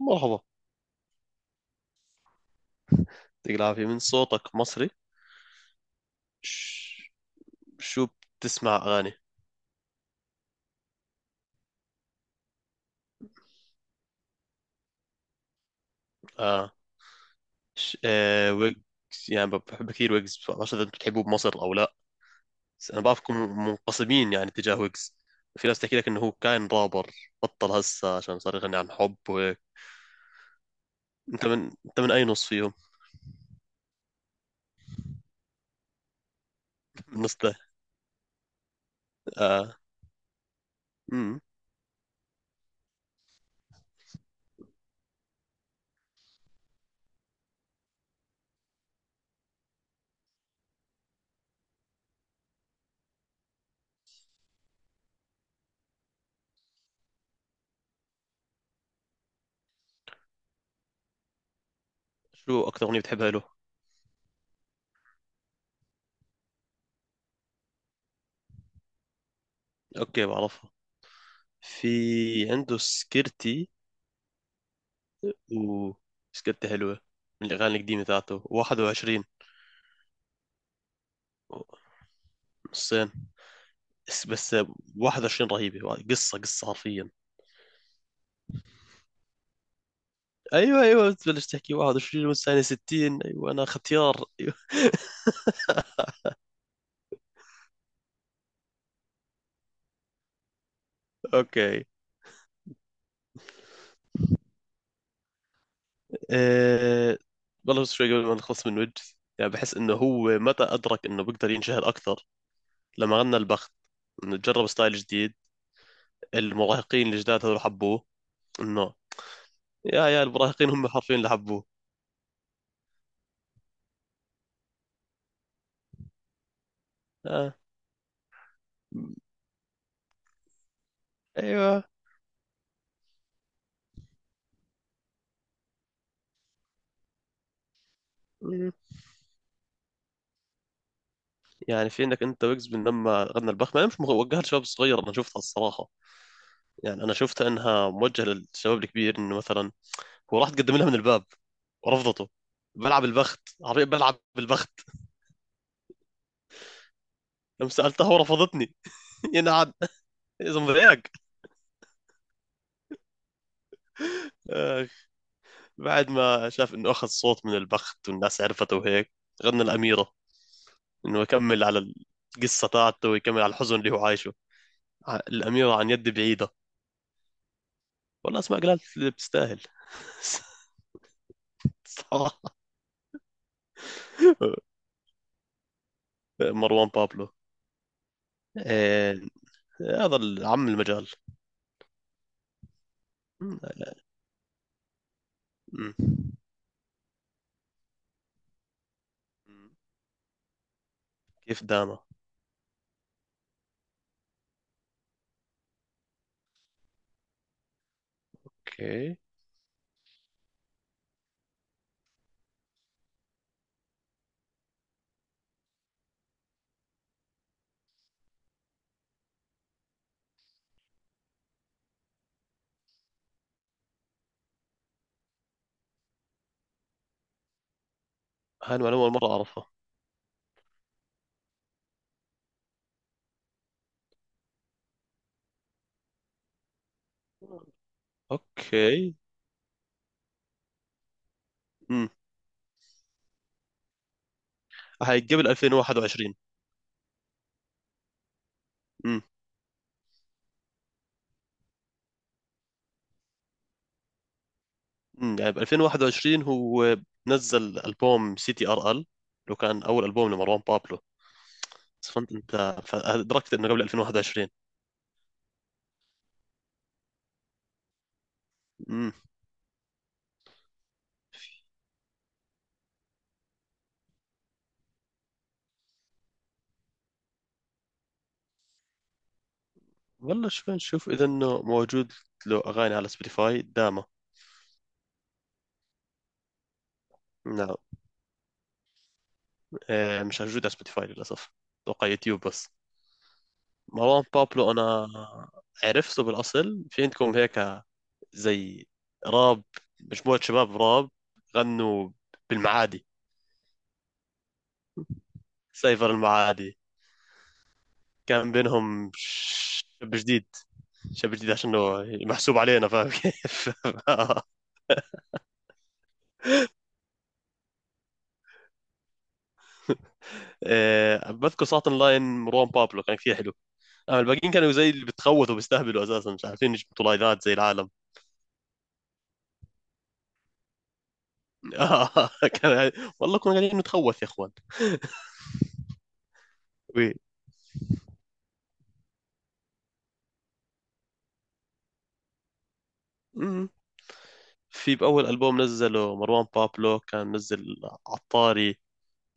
مرحبا. يعطيك العافية، من صوتك مصري. ش- شو، بتسمع أغاني؟ آه, آه، ويجز. يعني بحب كثير ويجز، ما بعرف إذا أنتم بتحبوه بمصر أو لا. بس أنا بعرفكم منقسمين يعني تجاه ويجز. في ناس تحكي لك إنه هو كان رابر، بطل هسه عشان صار يغني عن حب وهيك. أنت من أي نص فيهم؟ من نص ده. آه، مم. شو أكثر أغنية بتحبها له؟ أوكي، بعرفها. في، عنده سكرتي، و سكرتي حلوة، من الأغاني القديمة تاعته 21. الصين. بس بس، 21 رهيبة، قصة قصة حرفيا. ايوه ايوه، تبلش تحكي 21 والثانية 60. ايوه، انا ختيار. أيوة. اوكي. أه... والله، بس شوي قبل ما نخلص من وجز، يعني بحس انه هو متى ادرك انه بيقدر ينشهر اكثر؟ لما غنى البخت، انه جرب ستايل جديد. المراهقين الجداد هذول حبوه. انه، يا المراهقين هم حرفيا اللي حبوه. آه. ايوه. مم. يعني في عندك انت ويجز، من لما غنى البخت ما مش وجهها لشباب صغير، انا شفتها الصراحة. يعني انا شفت انها موجهه للشباب الكبير، انه مثلا هو راح تقدم لها من الباب ورفضته. بلعب البخت، عربية بلعب بالبخت، لما سألتها ورفضتني. ينعاد يا زنبرياك. آه، بعد ما شاف انه اخذ صوت من البخت والناس عرفته وهيك، غنى الأميرة، انه يكمل على القصة تاعته، ويكمل على الحزن اللي هو عايشه. الأميرة عن يد بعيدة. والله، اسمع قالت اللي بتستاهل. صراحة. مروان بابلو. آه، هذا العم المجال. مم. مم. كيف داما؟ اوكي. هاي المعلومة أول مرة أعرفها. اوكي. امم هاي قبل 2021؟ امم يعني، ب 2021 هو نزل ألبوم CTRL، لو كان أول ألبوم لمروان بابلو. بس فهمت أنت. فأدركت إنه قبل 2021. امم والله، شوف نشوف إذا إنه موجود له أغاني على سبوتيفاي داما. نعم. آه، مش موجود على سبوتيفاي للأسف. أتوقع يوتيوب بس. مروان بابلو، أنا عرفته بالأصل في عندكم هيك، زي راب، مجموعة شباب راب غنوا بالمعادي. سايفر المعادي. كان بينهم شاب جديد. شاب جديد عشان هو محسوب علينا، فاهم كيف؟ إيه، بذكر ساعة لاين مروان بابلو كان كثير حلو. أما الباقيين كانوا زي اللي بتخوتوا بيستهبلوا، أساسا مش عارفين يجبطوا لايفات زي العالم. آه، كان يعني، والله كنا قاعدين نتخوث يا إخوان. و- مم. في بأول ألبوم نزله مروان بابلو كان نزل عطاري،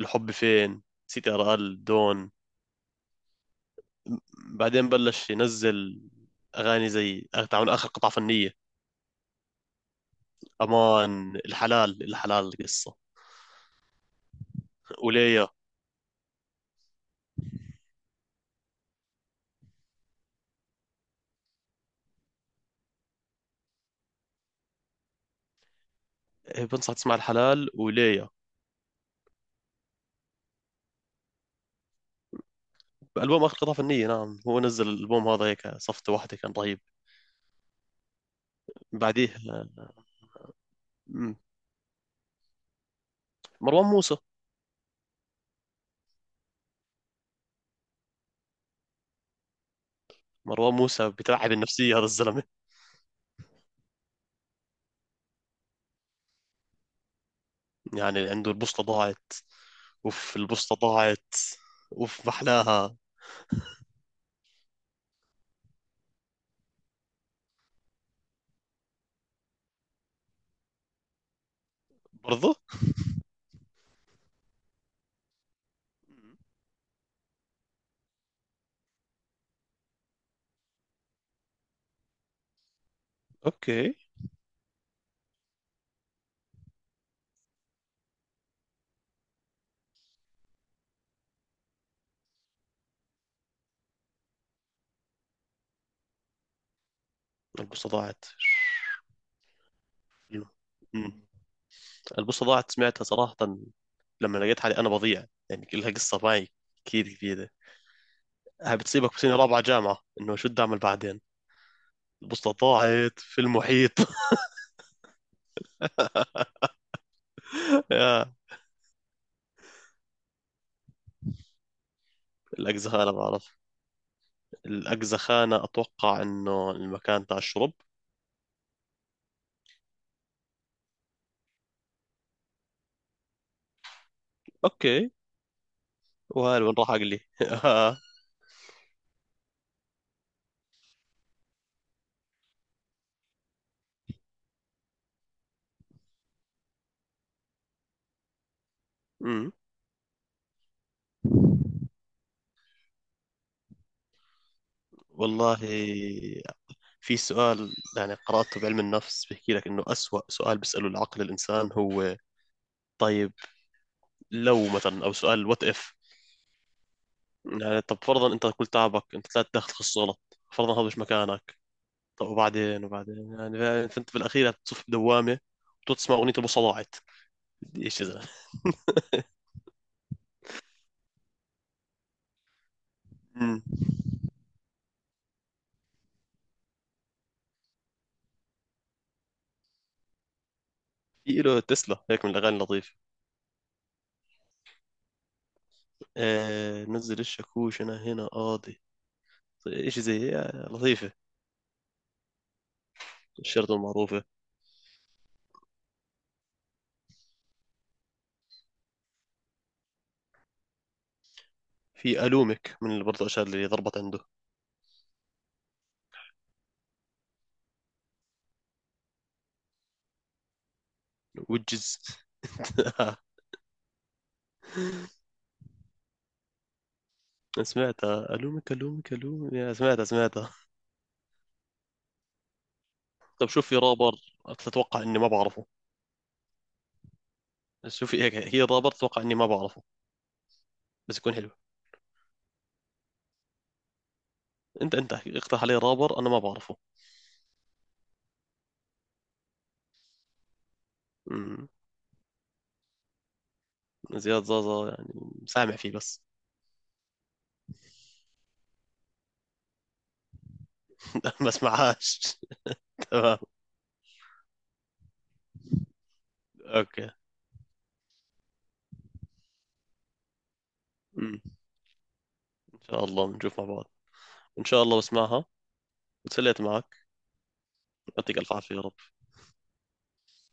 الحب فين، سي تي ال دون. بعدين بلش ينزل اغاني زي تعمل اخر قطعه فنيه. امان. الحلال الحلال القصه. وليا. إيه، بنصح تسمع الحلال، وليا. البوم اخر قطعه فنيه، نعم هو نزل الالبوم هذا هيك، صفته واحده، كان رهيب. بعديه مم، مروان موسى. مروان موسى بتلعب النفسيه هذا الزلمه. يعني عنده البوصله ضاعت. اوف، البوصله ضاعت. اوف، محلاها. برضه. اوكي. البوصله ضاعت. مم. مم. البوصة ضاعت، سمعتها صراحة. لما لقيت حالي أنا بضيع، يعني لها قصة معي كثير كبيرة. هاي بتصيبك في سنة رابعة جامعة، إنه شو بدي أعمل بعدين؟ البوصلة ضاعت في المحيط. يا. الأقزخانة، بعرف. الأقزخانة أتوقع إنه المكان تاع الشرب. أوكي. وهل وين راح أقلي. أمم. والله، في سؤال يعني قرأته بعلم النفس، بيحكي لك إنه أسوأ سؤال بيسأله العقل الإنسان هو طيب، لو مثلا، أو سؤال وات إف. يعني، طب فرضا انت كل تعبك انت طلعت داخل تخصص غلط، فرضا هذا مش مكانك. طب، وبعدين وبعدين؟ يعني فانت في الاخير تصف بدوامه. وتسمع اغنيه البوصه ضاعت. بدي ايش يا زلمه؟ أمم. في له تسلا هيك من الاغاني اللطيفه. آه، نزل الشاكوش، انا هنا قاضي. ايش زي لطيفه. الشرطه المعروفه. في الومك، من اللي برضه الاشياء اللي ضربت عنده. وجز. سمعتها الومك الومك الومك، يا، سمعتها سمعتها. طب، شوف في رابر تتوقع اني ما بعرفه؟ شوفي هيك، هي رابر اتوقع اني ما بعرفه، بس يكون حلو. انت اقترح علي رابر انا ما بعرفه. امم. زياد زازا، يعني سامع فيه بس. ما اسمعهاش، تمام. اوكي. امم. ان شاء الله بنشوف مع بعض. ان شاء الله بسمعها، وتسليت معك. يعطيك الف عافيه يا رب.